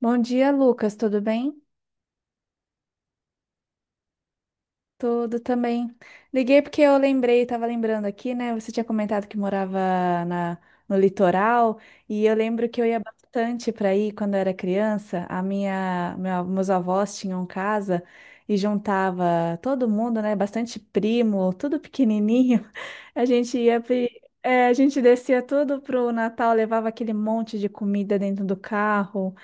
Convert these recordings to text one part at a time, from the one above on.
Bom dia, Lucas. Tudo bem? Tudo também. Liguei porque eu lembrei, estava lembrando aqui, né? Você tinha comentado que morava na, no litoral e eu lembro que eu ia bastante para ir quando eu era criança. Meus avós tinham casa e juntava todo mundo, né? Bastante primo, tudo pequenininho. A gente ia, pri- é, A gente descia tudo pro Natal, levava aquele monte de comida dentro do carro.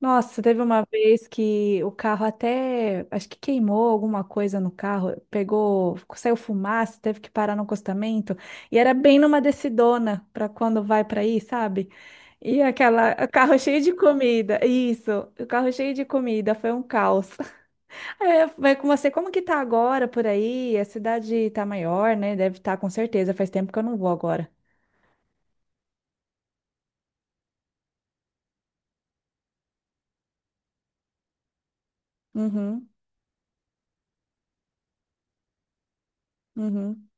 Nossa, teve uma vez que o carro até, acho que queimou alguma coisa no carro, pegou, saiu fumaça, teve que parar no acostamento, e era bem numa descidona para quando vai para aí, sabe? O carro cheio de comida, isso, o carro cheio de comida, foi um caos. É, vai com você, como que tá agora por aí? A cidade tá maior, né? Deve estar com certeza, faz tempo que eu não vou agora. Uhum, uhum.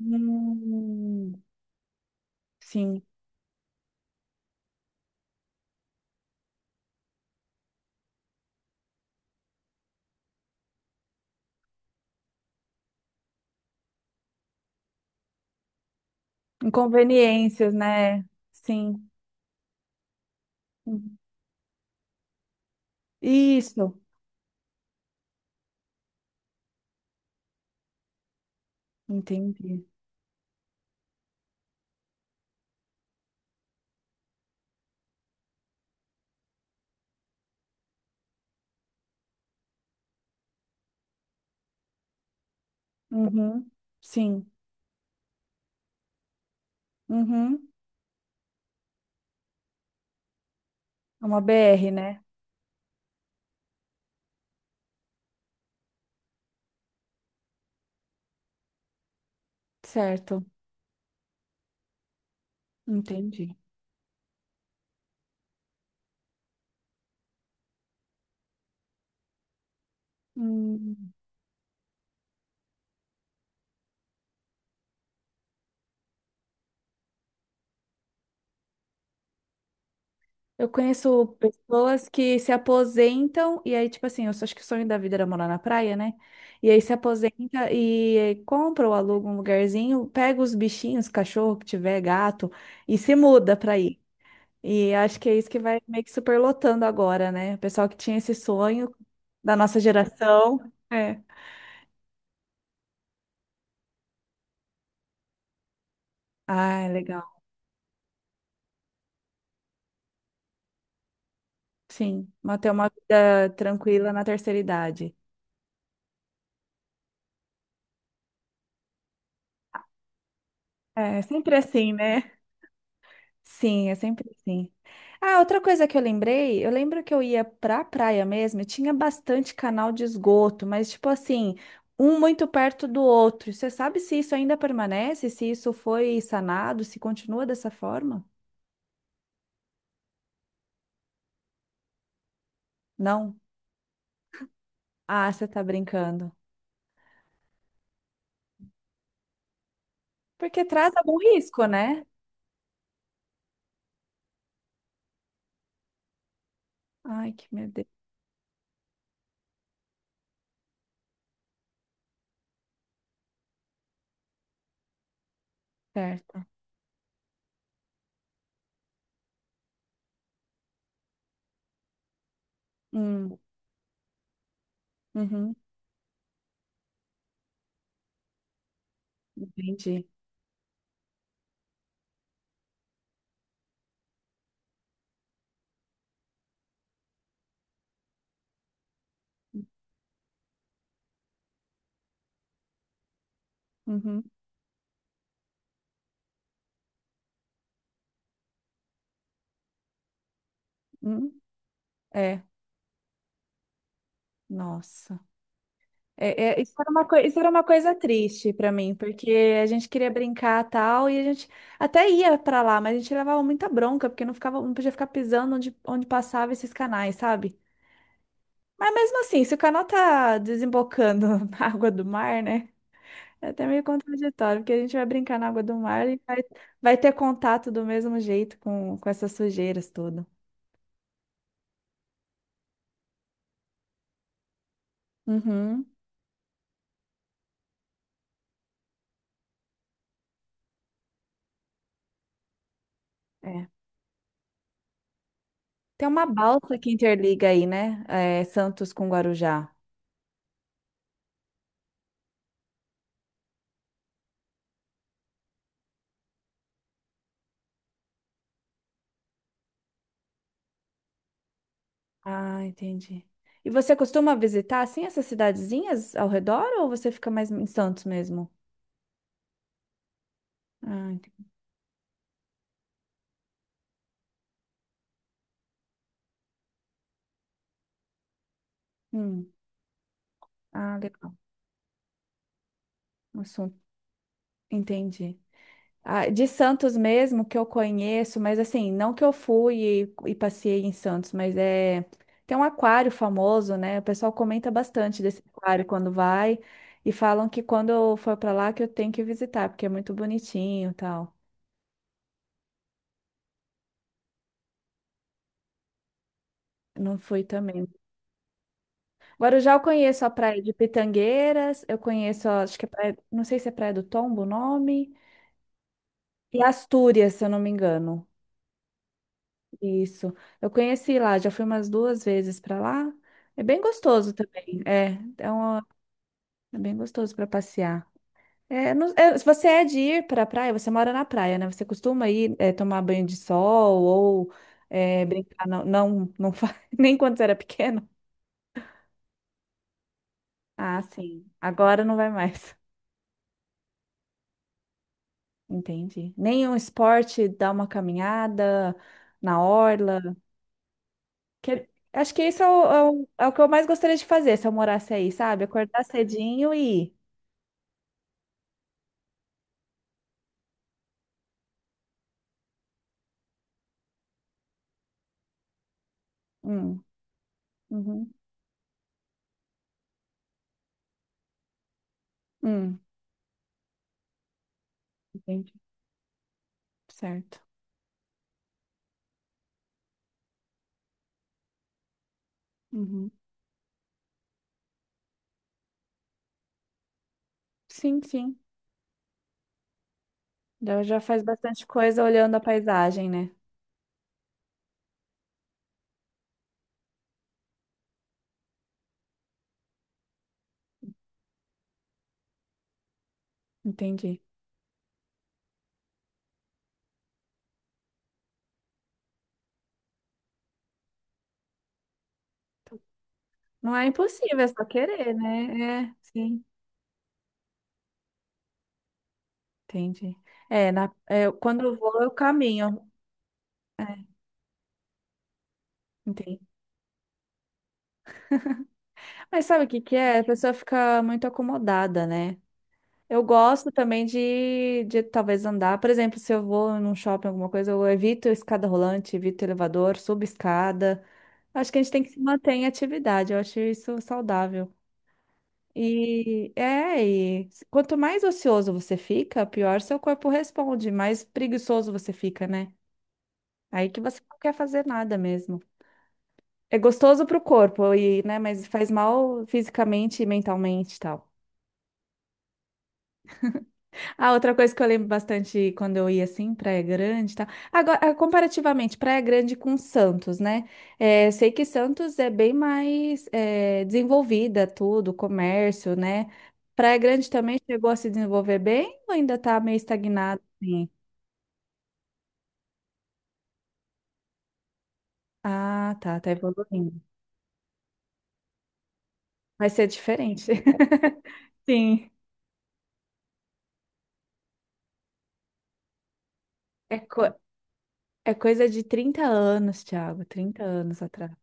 Hum, sim. Inconveniências, né? Sim. Uhum. Isso, entendi. Uhum. Sim. Uhum. É uma BR, né? Certo, entendi. Hum. Eu conheço pessoas que se aposentam e aí, tipo assim, acho que o sonho da vida era morar na praia, né? E aí se aposenta e compra ou aluga um lugarzinho, pega os bichinhos, cachorro que tiver, gato, e se muda pra aí. E acho que é isso que vai meio que superlotando agora, né? O pessoal que tinha esse sonho da nossa geração. É. Ah, legal. Sim, manter uma vida tranquila na terceira idade. É, é sempre assim, né? Sim, é sempre assim. Ah, outra coisa que eu lembrei, eu lembro que eu ia pra praia mesmo e tinha bastante canal de esgoto, mas tipo assim, um muito perto do outro. Você sabe se isso ainda permanece, se isso foi sanado, se continua dessa forma? Não? Ah, você tá brincando. Porque traz algum risco, né? Ai, que meu Deus. Certo. Hum, uhum, entendi. Uhum, uhum. É, nossa. Isso era uma coisa, isso era uma coisa triste pra mim, porque a gente queria brincar tal, e a gente até ia pra lá, mas a gente levava muita bronca, porque não ficava, não podia ficar pisando onde, onde passava esses canais, sabe? Mas mesmo assim, se o canal tá desembocando na água do mar, né? É até meio contraditório, porque a gente vai brincar na água do mar vai ter contato do mesmo jeito com essas sujeiras tudo. Uhum, é. Tem uma balsa que interliga aí, né? É, Santos com Guarujá. Ah, entendi. E você costuma visitar, assim, essas cidadezinhas ao redor ou você fica mais em Santos mesmo? Ah, entendi. Hum, ah, legal. Um assunto. Entendi. Ah, de Santos mesmo que eu conheço, mas assim, não que eu fui e passei em Santos, mas é tem um aquário famoso, né? O pessoal comenta bastante desse aquário quando vai e falam que quando eu for para lá que eu tenho que visitar, porque é muito bonitinho, e tal. Não fui também. Agora eu já conheço a praia de Pitangueiras, eu conheço, acho que é praia, não sei se é Praia do Tombo o nome, e Astúrias, se eu não me engano. Isso. Eu conheci lá, já fui umas duas vezes para lá. É bem gostoso também. É, uma- É bem gostoso para passear. Se você é de ir para a praia, você mora na praia, né? Você costuma tomar banho de sol ou brincar? Não, não, não faz, nem quando você era pequeno. Ah, sim. Agora não vai mais. Entendi. Nenhum esporte, dar uma caminhada na orla. Que- Acho que isso é é o que eu mais gostaria de fazer se eu morasse aí, sabe? Acordar cedinho e ir. Hum, uhum, hum, entendi. Certo. Uhum. Sim, sim. Já já faz bastante coisa olhando a paisagem, né? Entendi. Não é impossível, é só querer, né? É, sim, entendi. Quando eu vou, eu caminho. É, entendi. Mas sabe o que que é? A pessoa fica muito acomodada, né? Eu gosto também de talvez andar. Por exemplo, se eu vou num shopping, alguma coisa, eu evito escada rolante, evito elevador, subo escada. Acho que a gente tem que se manter em atividade. Eu acho isso saudável. E quanto mais ocioso você fica, pior seu corpo responde, mais preguiçoso você fica, né? Aí que você não quer fazer nada mesmo. É gostoso pro corpo, e, né, mas faz mal fisicamente e mentalmente e tal. Ah, outra coisa que eu lembro bastante quando eu ia assim, Praia Grande e tal. Agora, ah, comparativamente, Praia Grande com Santos, né? Eu sei que Santos é bem mais desenvolvida, tudo, comércio, né? Praia Grande também chegou a se desenvolver bem ou ainda tá meio estagnado, assim? Ah, tá, tá evoluindo. Vai ser diferente. Sim. É, co- É coisa de 30 anos, Thiago. 30 anos atrás.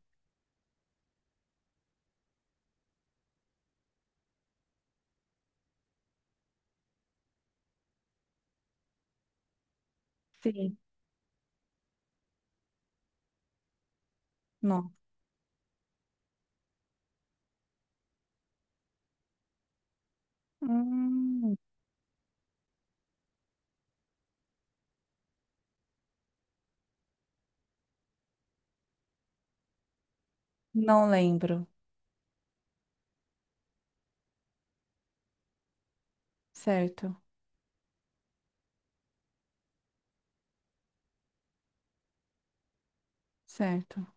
Sim. Não. Hum, não lembro. Certo. Certo.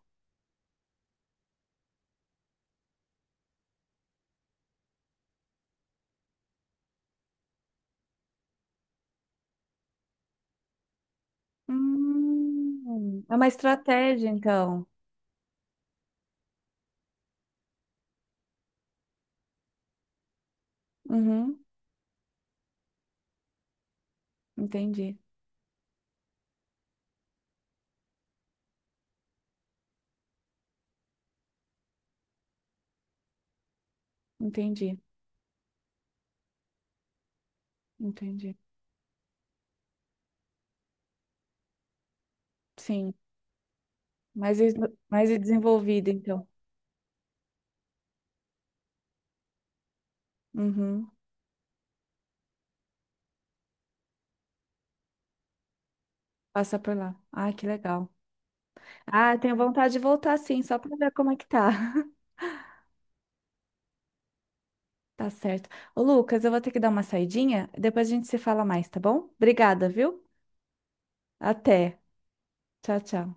É uma estratégia, então. Uhum, entendi, entendi, entendi. Sim, mais, es- mais desenvolvida, então. Uhum, passa por lá. Ah, que legal. Ah, tenho vontade de voltar, sim, só para ver como é que tá. Tá certo. Ô, Lucas, eu vou ter que dar uma saidinha, depois a gente se fala mais, tá bom? Obrigada, viu? Até. Tchau, tchau.